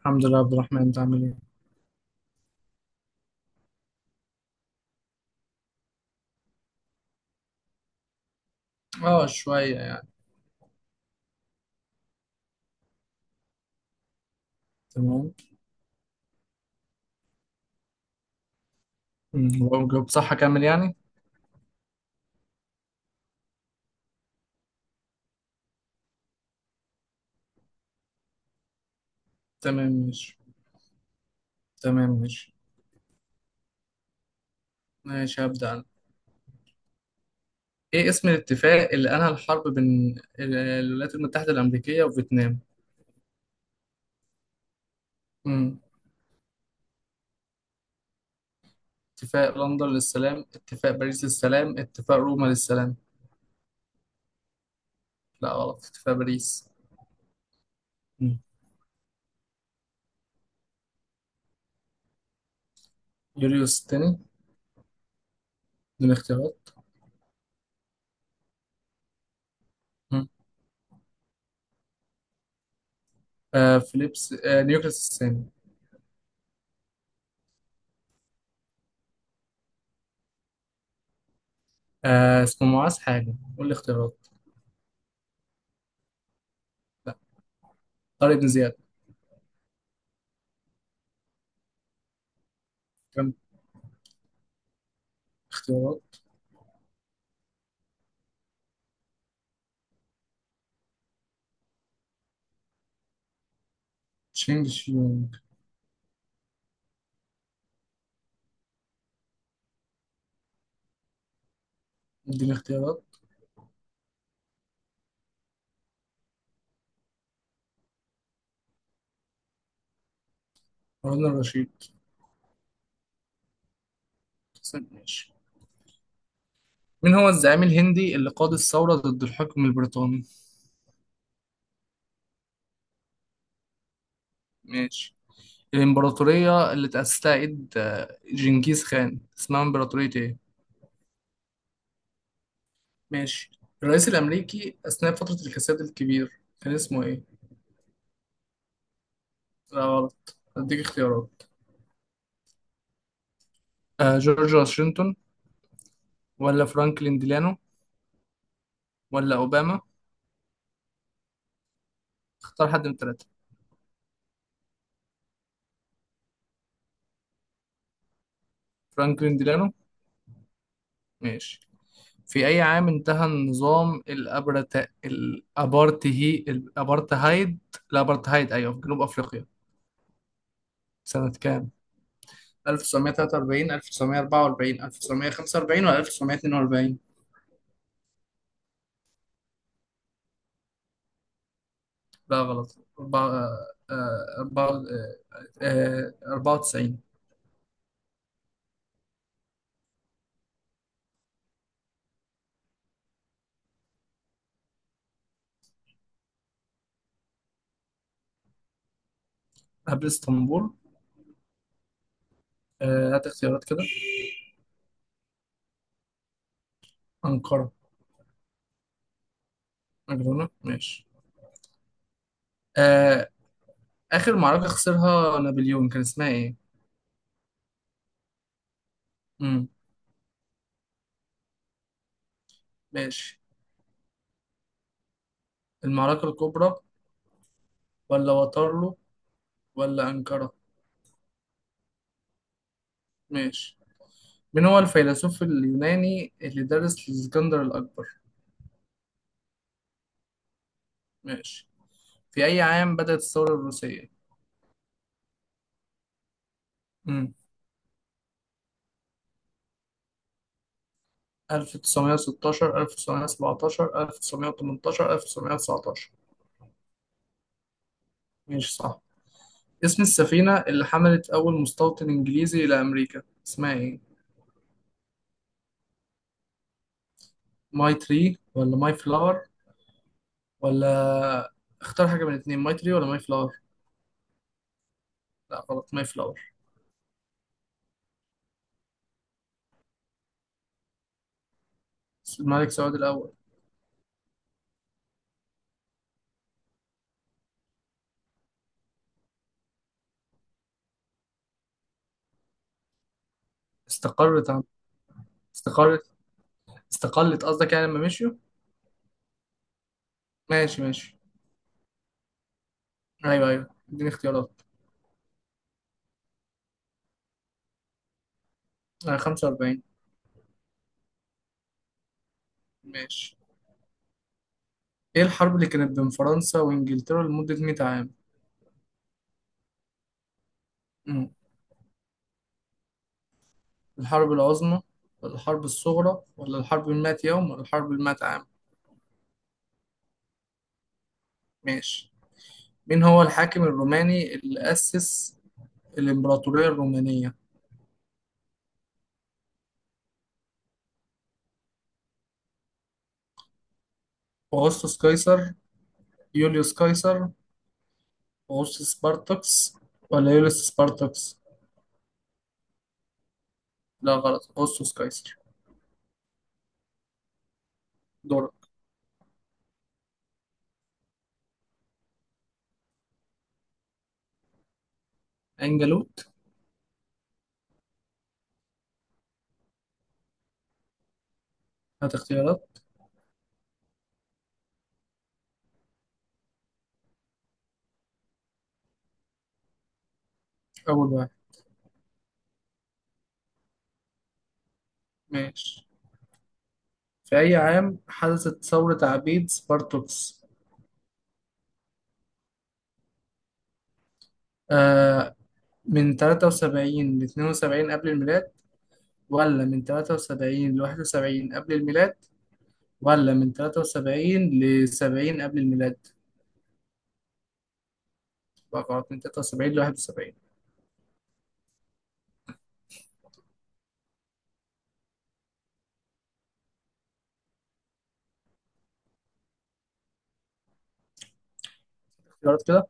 الحمد لله. عبد الرحمن، انت عامل ايه؟ اه، شوية يعني. تمام. لو جاوبت صح اكمل يعني. تمام ماشي. تمام ماشي. ماشي، هبدأ أنا. إيه اسم الاتفاق اللي أنهى الحرب بين الولايات المتحدة الأمريكية وفيتنام؟ امم اتفاق لندن للسلام، اتفاق باريس للسلام، اتفاق روما للسلام. لا غلط، اتفاق باريس. امم. يوليوس الثاني. دون اختيارات. امم. فيليبس، نيوكليوس الثاني. اسمه معاذ حاجة، قول لي اختيارات. لا، طارق بن زياد. كم. اختيارات. تشينج شيونج. اديني اختيارات. هارون الرشيد. حسن، ماشي. مين هو الزعيم الهندي اللي قاد الثورة ضد الحكم البريطاني؟ ماشي. الإمبراطورية اللي تأسسها إيد آه، جنكيز خان، اسمها إمبراطورية إيه؟ ماشي. الرئيس الأمريكي أثناء فترة الكساد الكبير كان اسمه إيه؟ لا غلط، أديك اختيارات. جورج واشنطن، ولا فرانكلين ديلانو، ولا أوباما؟ اختار حد من التلاتة. فرانكلين ديلانو. ماشي. في أي عام انتهى النظام الأبرت... الأبارتهي الأبارتهايد. الأبارتهايد، أيوه، في جنوب أفريقيا. سنة كام؟ 1943، 1944، 1945، ولا 1942؟ لا غلط، آه، أربعة- آه، 94. قبل اسطنبول. هات اختيارات كده. أنقرة. أجرونة، ماشي. آه. آخر معركة خسرها نابليون كان اسمها إيه؟ مم. ماشي. المعركة الكبرى، ولا واترلو، ولا أنقرة؟ ماشي. من هو الفيلسوف اليوناني اللي درس لإسكندر الأكبر؟ ماشي. في أي عام بدأت الثورة الروسية؟ امم 1916، 1917، 1918، 1919؟ ماشي، صح. اسم السفينة اللي حملت أول مستوطن إنجليزي إلى أمريكا اسمها إيه؟ ماي تري ولا ماي فلاور، ولا. اختار حاجة من الاتنين، ماي تري ولا ماي فلاور. لا غلط، ماي فلاور. الملك سعود الأول. استقرت عن. استقرت. استقلت قصدك، يعني لما مشيوا. ماشي، ماشي. ايوه، ايوه، اديني اختيارات. 45. ماشي. ايه الحرب اللي كانت بين فرنسا وانجلترا لمدة 100 عام؟ مم. الحرب العظمى، ولا الحرب الصغرى، ولا الحرب المائة يوم، ولا الحرب المائة عام؟ ماشي. مين هو الحاكم الروماني اللي أسس الإمبراطورية الرومانية؟ أغسطس قيصر، يوليوس قيصر، أغسطس سبارتكس، ولا يوليوس سبارتكس؟ لا غلط، أغسطس قيصر. دورك. أنجلوت. هات اختيارات. أول واحد. ماشي. في أي عام حدثت ثورة عبيد سبارتوكس؟ آه من 73 ل 72 قبل الميلاد، ولا من 73 ل 71 قبل الميلاد، ولا من 73 ل 70 قبل الميلاد؟ بقى غلط، من 73 ل 71. اختيارات كده.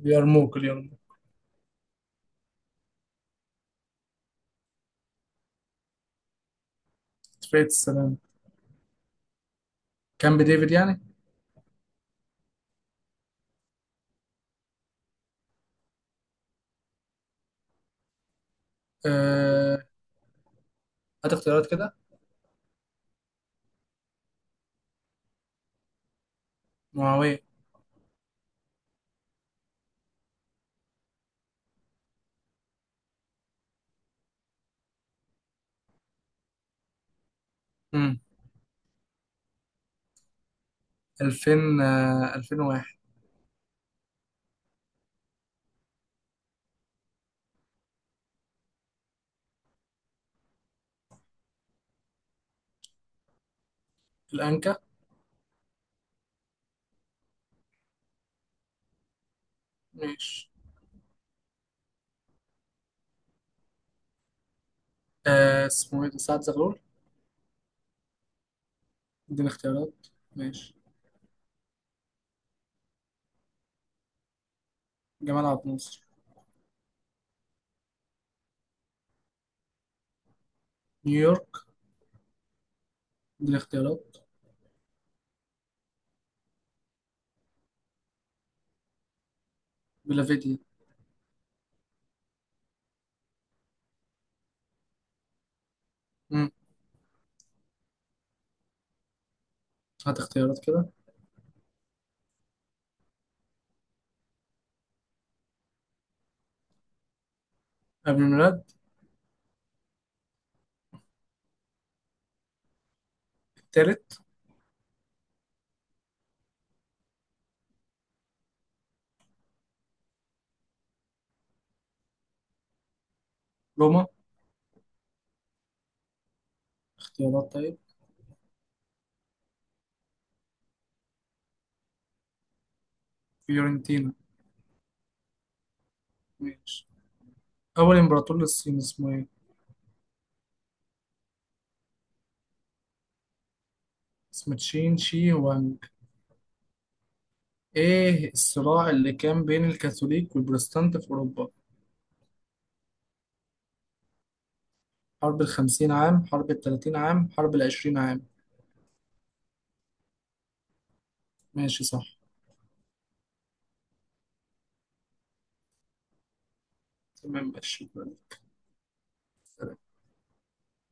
اليرموك، اليرموك. اتفاقية السلام. كامب ديفيد يعني. آه هات اختيارات كده. معاوية. مم. 2000، 2001. الأنكا. ماشي. اسمه ايه ده، سعد زغلول. اديني اختيارات. ماشي. جمال عبد الناصر. نيويورك. اديني اختيارات. فيلافيديا. امم هات اختيارات كده. قبل الميلاد. التالت. روما. اختيارات طيب. فيورنتينا. ماشي. أول إمبراطور للصين اسمه إيه؟ اسمه تشين شي وانج. إيه الصراع اللي كان بين الكاثوليك والبروتستانت في أوروبا؟ حرب الخمسين عام، حرب التلاتين عام، حرب العشرين عام. ماشي، صح. تمام ماشي.